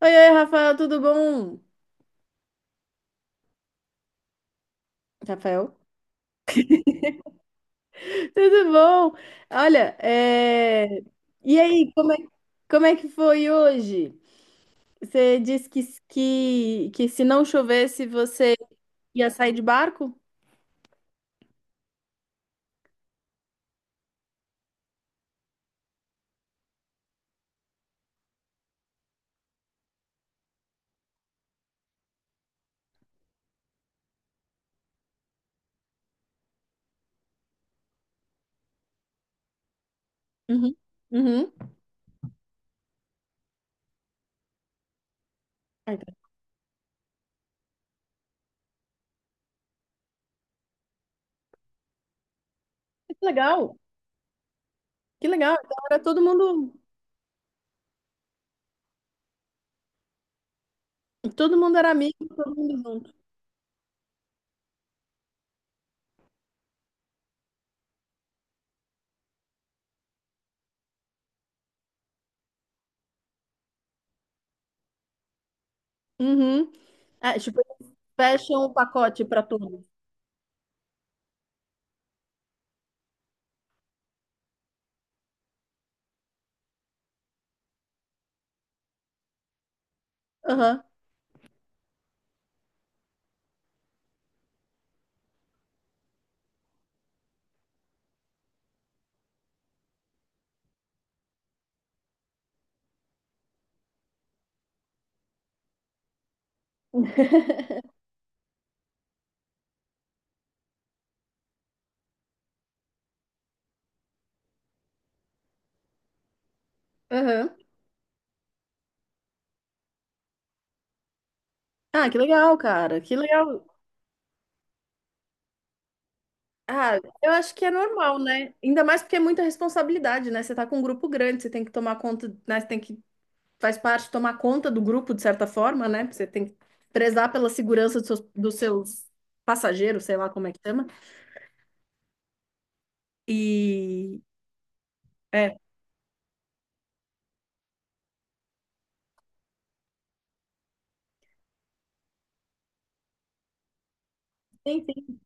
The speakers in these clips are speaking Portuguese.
Oi, oi, Rafael, tudo bom? Rafael, tudo bom? Olha, e aí, como é que foi hoje? Você disse que se não chovesse você ia sair de barco? Uhum. Uhum. Ah, então, que legal, que legal. Então era todo mundo era amigo, todo mundo junto. Uhum. Ah, tipo, eles fecham o pacote para todos. Aham, aham. Ah, que legal, cara, que legal. Ah, eu acho que é normal, né? Ainda mais porque é muita responsabilidade, né? Você tá com um grupo grande, você tem que tomar conta, né? Faz parte, tomar conta do grupo de certa forma, né? Você tem que prezar pela segurança dos dos seus passageiros, sei lá como é que chama. E, é, sim, sim.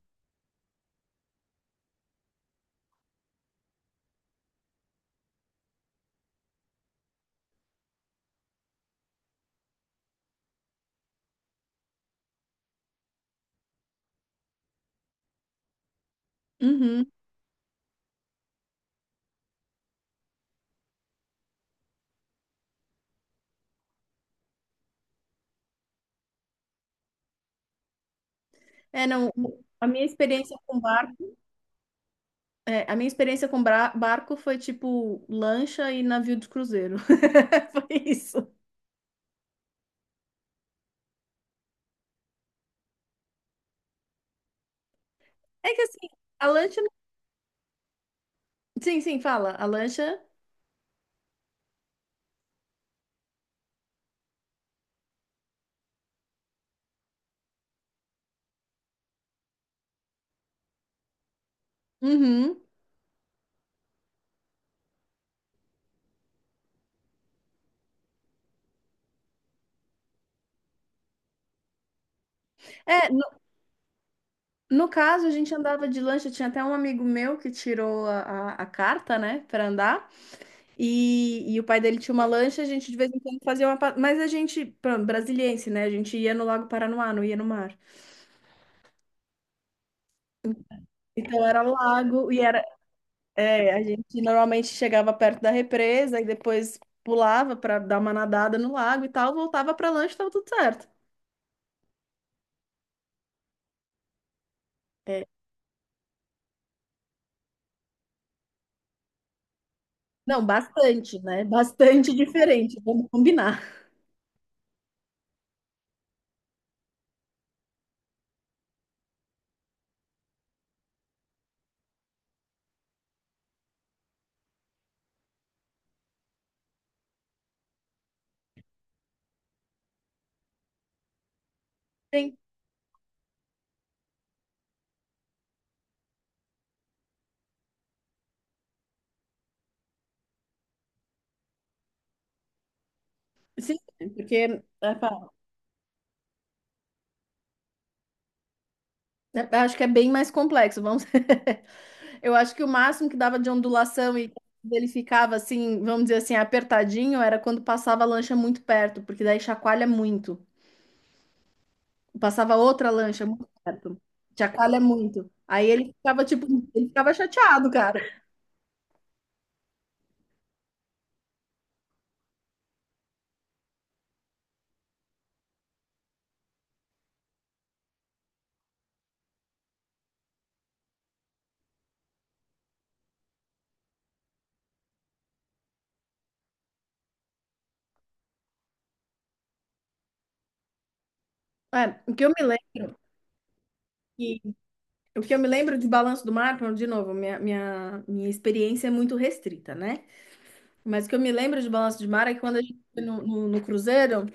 Uhum. É, não, a minha experiência com barco, a minha experiência com barco foi tipo lancha e navio de cruzeiro. Foi isso. É que assim, a lancha, sim, sim, fala, a lancha, uhum. É, no caso, a gente andava de lancha, tinha até um amigo meu que tirou a carta, né, para andar, e o pai dele tinha uma lancha, a gente de vez em quando fazia uma... Mas a gente, pronto, brasiliense, né, a gente ia no Lago Paranoá, não ia no mar. Então era lago, e era... É, a gente normalmente chegava perto da represa, e depois pulava para dar uma nadada no lago e tal, voltava para lancha e tava tudo certo. É, não, bastante, né, bastante diferente, vamos combinar. Sim, sim, porque... é, né, acho que é bem mais complexo, vamos. Eu acho que o máximo que dava de ondulação e ele ficava assim, vamos dizer assim, apertadinho, era quando passava a lancha muito perto, porque daí chacoalha muito. Passava outra lancha muito perto, chacoalha muito. Aí ele ficava tipo, ele ficava chateado, cara. É, lembro, que, o que eu me lembro de Balanço do Mar, de novo, minha experiência é muito restrita, né? Mas o que eu me lembro de Balanço do Mar é que quando a gente foi no no cruzeiro.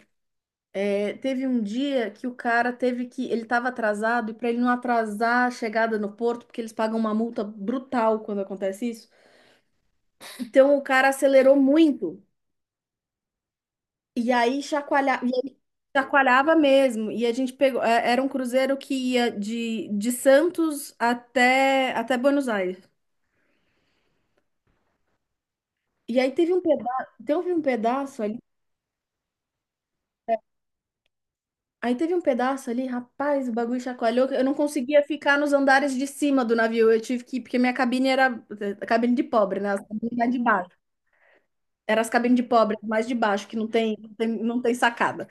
É, teve um dia que o cara teve que. Ele estava atrasado, e para ele não atrasar a chegada no porto, porque eles pagam uma multa brutal quando acontece isso. Então o cara acelerou muito. E aí chacoalhava, e ele chacoalhava mesmo. E a gente pegou. É, Era um cruzeiro que ia de Santos até Buenos Aires. E aí teve um pedaço, aí teve um pedaço ali, rapaz, o bagulho chacoalhou. Eu não conseguia ficar nos andares de cima do navio. Eu tive que ir, porque minha cabine era a cabine de pobre, né? As cabines mais de baixo. Era as cabines de pobre, mais de baixo, que não tem sacada.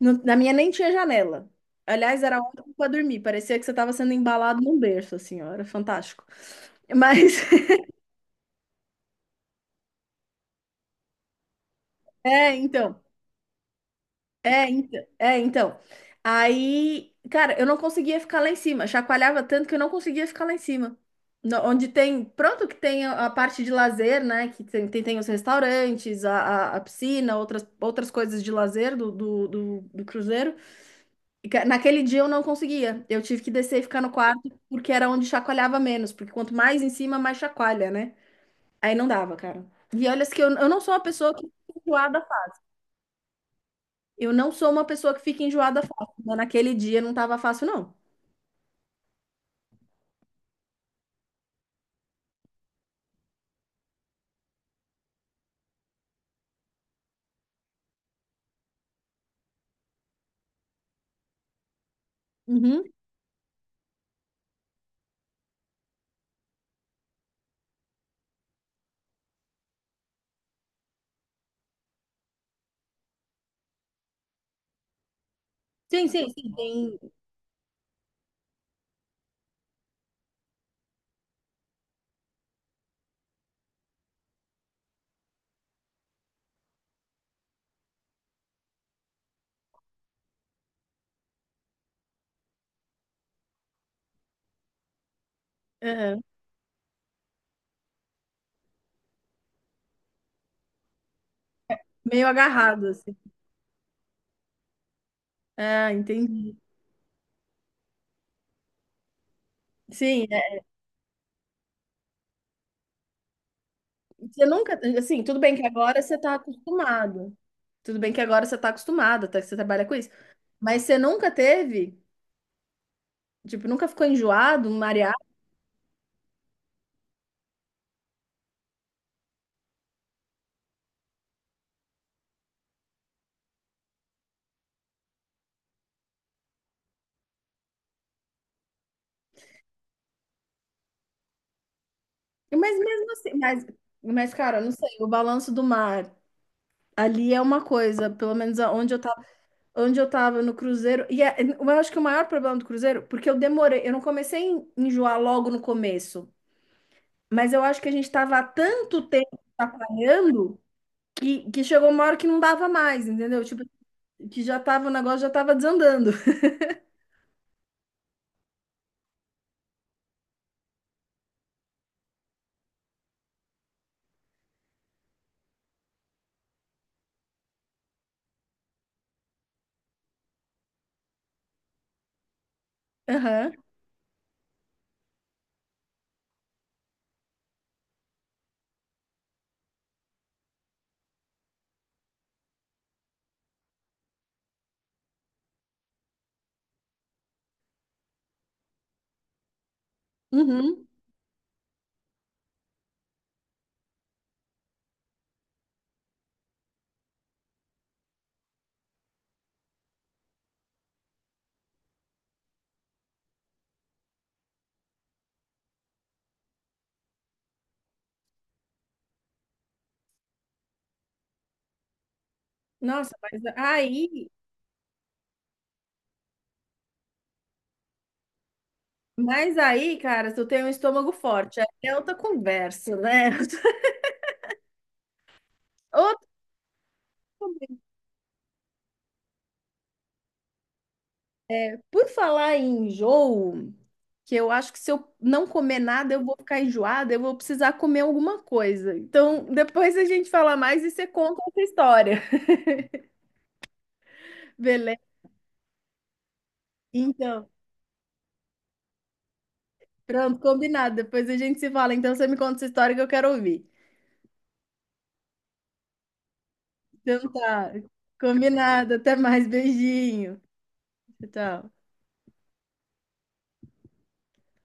Na minha nem tinha janela. Aliás, era ótimo para dormir. Parecia que você estava sendo embalado num berço, assim, ó. Era fantástico. Mas, é, então. É, então. Aí, cara, eu não conseguia ficar lá em cima. Chacoalhava tanto que eu não conseguia ficar lá em cima. Onde tem, pronto, que tem a parte de lazer, né? Que tem os restaurantes, a piscina, outras, outras coisas de lazer do cruzeiro. E, naquele dia eu não conseguia. Eu tive que descer e ficar no quarto, porque era onde chacoalhava menos. Porque quanto mais em cima, mais chacoalha, né? Aí não dava, cara. E olha que eu não sou uma pessoa que fica enjoada fácil, mas naquele dia não estava fácil, não. Uhum. Sim, sim, sim, bem, aham, meio agarrado, assim. Ah, entendi. Sim, é. Você nunca, assim, tudo bem que agora você está acostumado. Tudo bem que agora você está acostumado, até que você trabalha com isso. Mas você nunca teve, tipo, nunca ficou enjoado, mareado. Mas mesmo assim, mas cara, eu não sei, o balanço do mar ali é uma coisa, pelo menos onde eu tava no cruzeiro. Eu acho que o maior problema do cruzeiro, porque eu demorei, eu não comecei a enjoar logo no começo, mas eu acho que a gente tava há tanto tempo atrapalhando que chegou uma hora que não dava mais, entendeu? Tipo, que já tava, o negócio já tava desandando. Aham. Uhum. Nossa, mas aí, mas aí, cara, se eu tenho um estômago forte, aí é outra conversa, né? Outra... Por falar em enjoo, que eu acho que se eu não comer nada, eu vou ficar enjoada, eu vou precisar comer alguma coisa. Então, depois a gente fala mais e você conta essa história, beleza? Então, pronto, combinado. Depois a gente se fala. Então, você me conta essa história que eu quero ouvir. Então, tá, combinado. Até mais, beijinho. Tchau.